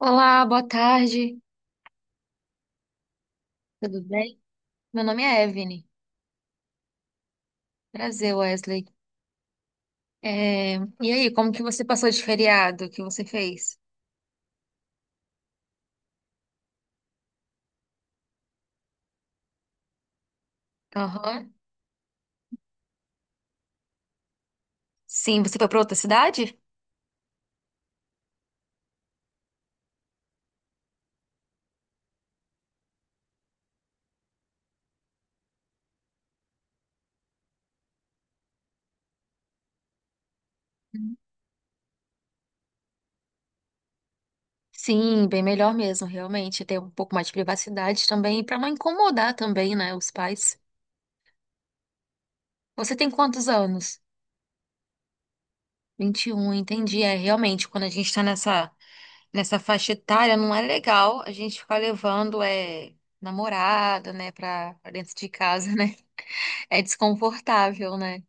Olá, boa tarde, tudo bem? Meu nome é Evelyn. Prazer, Wesley. É, E aí, como que você passou de feriado? O que você fez? Aham. Sim, você foi para outra cidade? Sim, bem melhor mesmo, realmente. Ter um pouco mais de privacidade também, para não incomodar também, né, os pais. Você tem quantos anos? 21, entendi. É, realmente, quando a gente tá nessa, nessa faixa etária, não é legal a gente ficar levando namorada, né, pra dentro de casa, né? É desconfortável, né?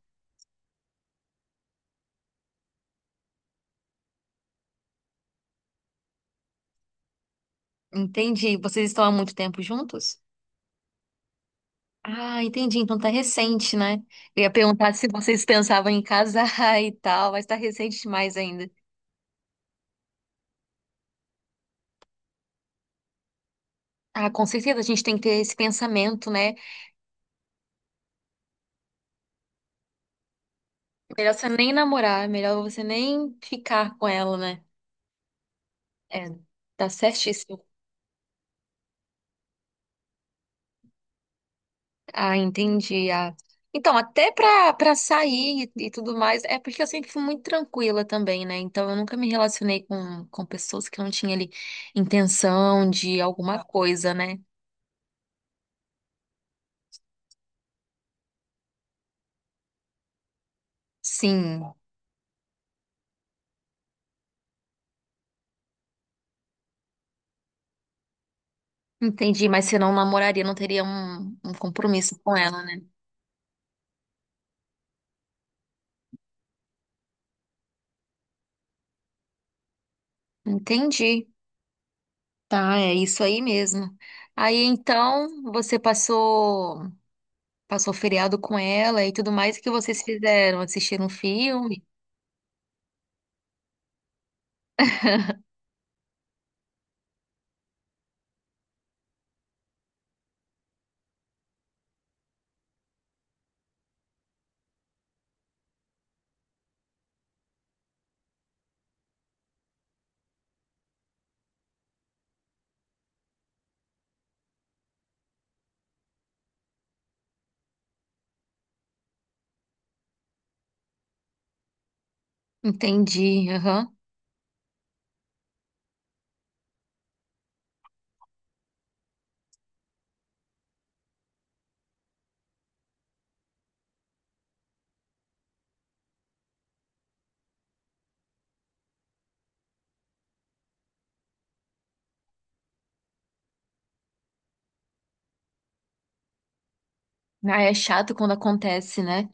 Entendi. Vocês estão há muito tempo juntos? Ah, entendi. Então tá recente, né? Eu ia perguntar se vocês pensavam em casar e tal, mas tá recente demais ainda. Ah, com certeza a gente tem que ter esse pensamento, né? Melhor você nem namorar, melhor você nem ficar com ela, né? É, tá certíssimo. Ah, entendi. Ah. Então, até pra sair e tudo mais, é porque eu sempre fui muito tranquila também, né? Então, eu nunca me relacionei com pessoas que não tinham ali intenção de alguma coisa, né? Sim, entendi. Mas se não namoraria, não teria um compromisso com ela, né? Entendi. Tá, é isso aí mesmo. Aí, então, você passou feriado com ela e tudo mais, o que vocês fizeram? Assistiram um filme? Entendi. Ah, é chato quando acontece, né?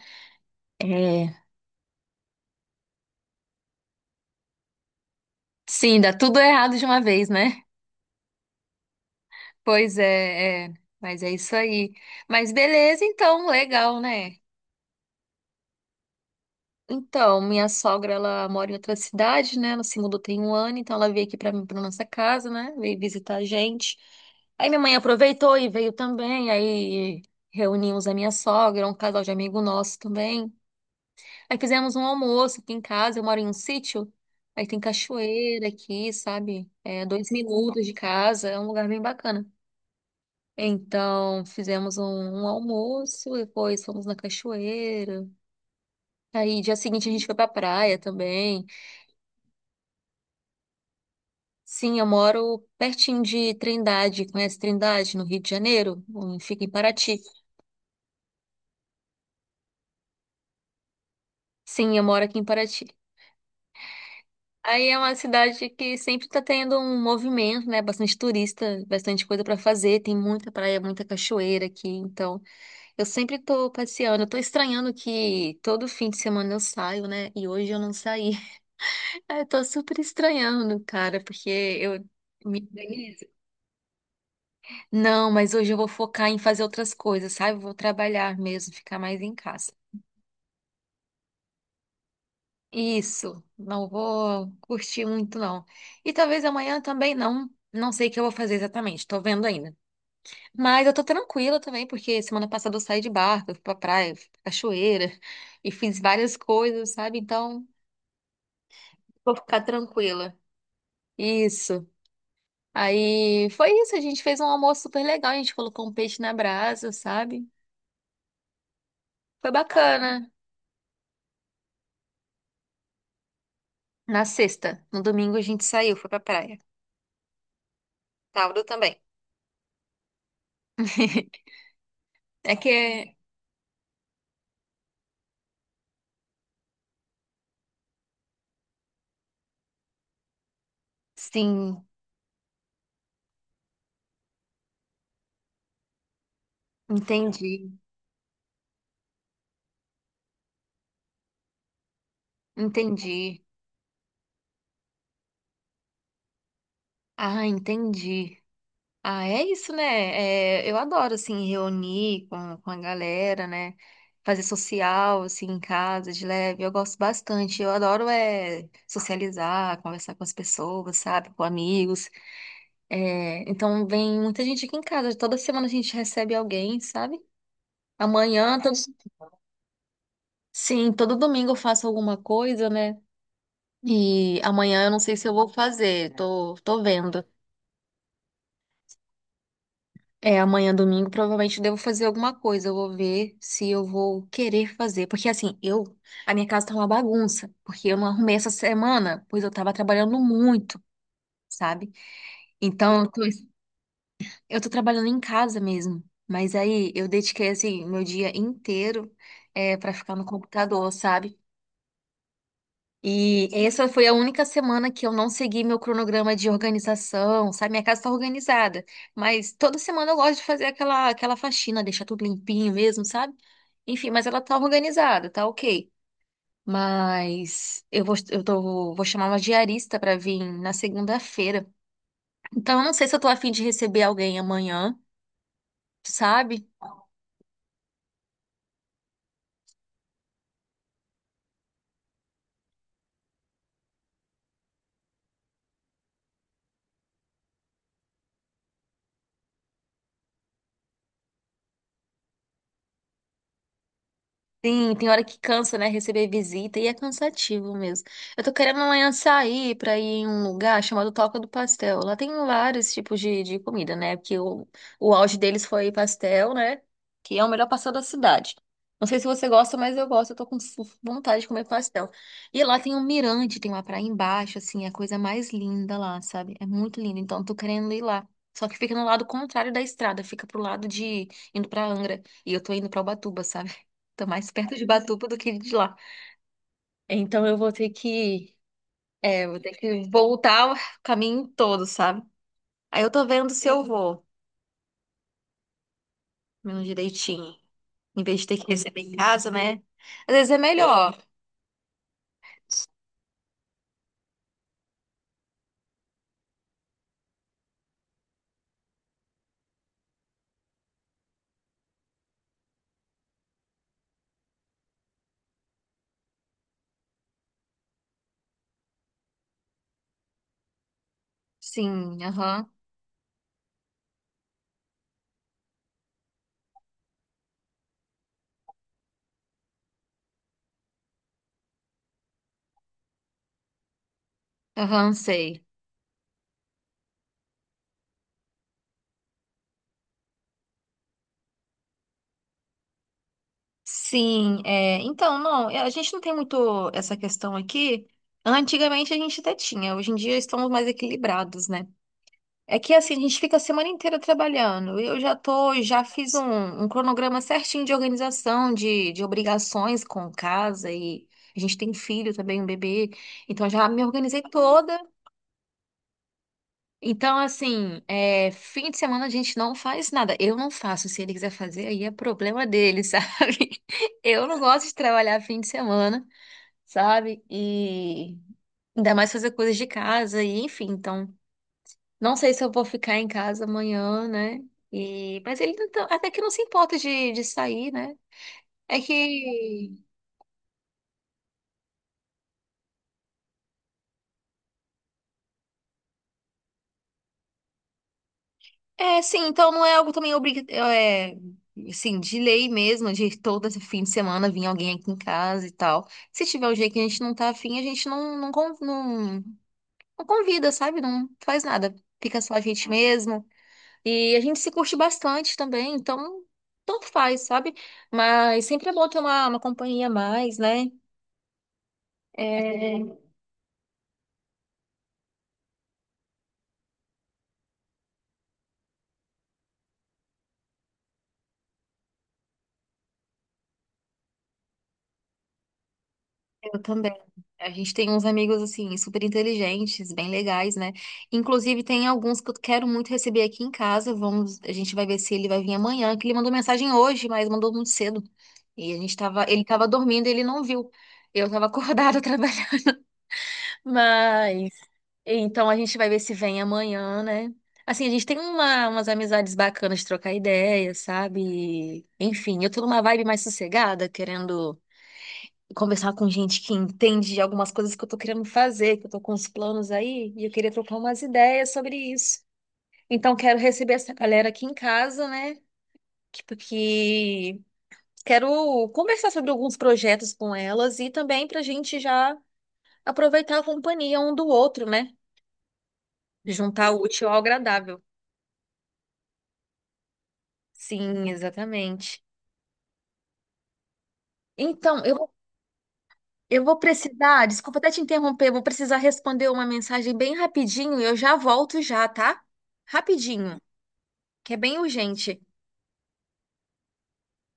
É. Sim, dá tudo errado de uma vez, né? Pois é, é. Mas é isso aí. Mas beleza, então, legal, né? Então, minha sogra, ela mora em outra cidade, né? Ela se mudou tem um ano, então ela veio aqui pra mim, pra nossa casa, né? Veio visitar a gente. Aí minha mãe aproveitou e veio também, aí reunimos a minha sogra, um casal de amigo nosso também. Aí fizemos um almoço aqui em casa, eu moro em um sítio, aí tem cachoeira aqui, sabe? É, 2 minutos de casa, é um lugar bem bacana. Então, fizemos um almoço, depois fomos na cachoeira. Aí, dia seguinte, a gente foi pra praia também. Sim, eu moro pertinho de Trindade. Conhece Trindade, no Rio de Janeiro? Fica em Paraty. Sim, eu moro aqui em Paraty. Aí é uma cidade que sempre tá tendo um movimento, né? Bastante turista, bastante coisa pra fazer. Tem muita praia, muita cachoeira aqui. Então, eu sempre tô passeando. Eu tô estranhando que todo fim de semana eu saio, né? E hoje eu não saí. Aí eu tô super estranhando, cara, porque eu me organizo. Não, mas hoje eu vou focar em fazer outras coisas, sabe? Eu vou trabalhar mesmo, ficar mais em casa. Isso, não vou curtir muito, não. E talvez amanhã também não. Não sei o que eu vou fazer exatamente, tô vendo ainda. Mas eu tô tranquila também, porque semana passada eu saí de barco, eu fui pra praia, eu fui pra cachoeira e fiz várias coisas, sabe? Então, vou ficar tranquila. Isso. Aí foi isso, a gente fez um almoço super legal, a gente colocou um peixe na brasa, sabe? Foi bacana. Na sexta, no domingo a gente saiu, foi pra praia. Sábado também. É que, é, sim. Entendi, entendi. Ah, entendi. Ah, é isso, né? É, eu adoro, assim, reunir com a galera, né? Fazer social, assim, em casa, de leve. Eu gosto bastante. Eu adoro, é, socializar, conversar com as pessoas, sabe? Com amigos. É, então, vem muita gente aqui em casa. Toda semana a gente recebe alguém, sabe? Amanhã, sim, todo domingo eu faço alguma coisa, né? E amanhã eu não sei se eu vou fazer. Tô vendo. É, amanhã, domingo, provavelmente eu devo fazer alguma coisa. Eu vou ver se eu vou querer fazer. Porque assim, a minha casa tá uma bagunça, porque eu não arrumei essa semana, pois eu tava trabalhando muito, sabe? Então, eu tô trabalhando em casa mesmo. Mas aí eu dediquei assim meu dia inteiro é para ficar no computador, sabe? E essa foi a única semana que eu não segui meu cronograma de organização, sabe? Minha casa está organizada, mas toda semana eu gosto de fazer aquela faxina, deixar tudo limpinho mesmo, sabe? Enfim, mas ela tá organizada, tá ok. Mas eu vou, eu tô, vou chamar uma diarista para vir na segunda-feira. Então eu não sei se eu tô afim de receber alguém amanhã, sabe? Sim, tem hora que cansa, né? Receber visita e é cansativo mesmo. Eu tô querendo amanhã sair pra ir em um lugar chamado Toca do Pastel. Lá tem vários tipos de comida, né? Porque o auge deles foi pastel, né? Que é o melhor pastel da cidade. Não sei se você gosta, mas eu gosto. Eu tô com vontade de comer pastel. E lá tem um mirante, tem uma praia embaixo, assim, é a coisa mais linda lá, sabe? É muito lindo. Então, eu tô querendo ir lá. Só que fica no lado contrário da estrada, fica pro lado de indo pra Angra. E eu tô indo pra Ubatuba, sabe? Tô mais perto de Batuba do que de lá. Então eu vou ter que voltar o caminho todo, sabe? Aí eu tô vendo se eu vou, mesmo direitinho. Em vez de ter que receber em casa, né? Às vezes é melhor. Sim, aham. Aham, sei. Sim, é, então, não, é, a gente não tem muito essa questão aqui. Antigamente a gente até tinha, hoje em dia estamos mais equilibrados, né? É que assim, a gente fica a semana inteira trabalhando. Eu já tô, já fiz um cronograma certinho de organização, de obrigações com casa e a gente tem filho também, um bebê. Então já me organizei toda. Então, assim, é, fim de semana a gente não faz nada. Eu não faço. Se ele quiser fazer, aí é problema dele, sabe? Eu não gosto de trabalhar fim de semana, sabe? E ainda mais fazer coisas de casa e enfim, então. Não sei se eu vou ficar em casa amanhã, né? E... Mas ele não até que não se importa de sair, né? É que. Sim, então não é algo também obrigatório. É, assim, de lei mesmo, de todo esse fim de semana vir alguém aqui em casa e tal. Se tiver um dia que a gente não tá afim, a gente não, não, não, não convida, sabe? Não faz nada. Fica só a gente mesmo. E a gente se curte bastante também, então tanto faz, sabe? Mas sempre é bom ter uma companhia a mais, né? É, Eu também. A gente tem uns amigos, assim, super inteligentes, bem legais, né? Inclusive, tem alguns que eu quero muito receber aqui em casa. A gente vai ver se ele vai vir amanhã, que ele mandou mensagem hoje, mas mandou muito cedo. E a gente tava, ele tava dormindo, e ele não viu. Eu tava acordada trabalhando. Mas, então a gente vai ver se vem amanhã, né? Assim, a gente tem uma, umas amizades bacanas de trocar ideias, sabe? Enfim, eu tô numa vibe mais sossegada, querendo conversar com gente que entende de algumas coisas que eu tô querendo fazer, que eu tô com uns planos aí, e eu queria trocar umas ideias sobre isso. Então, quero receber essa galera aqui em casa, né? Que, porque quero conversar sobre alguns projetos com elas e também pra gente já aproveitar a companhia um do outro, né? Juntar o útil ao agradável. Sim, exatamente. Então, eu vou precisar, desculpa até te interromper, vou precisar responder uma mensagem bem rapidinho e eu já volto já, tá? Rapidinho. Que é bem urgente.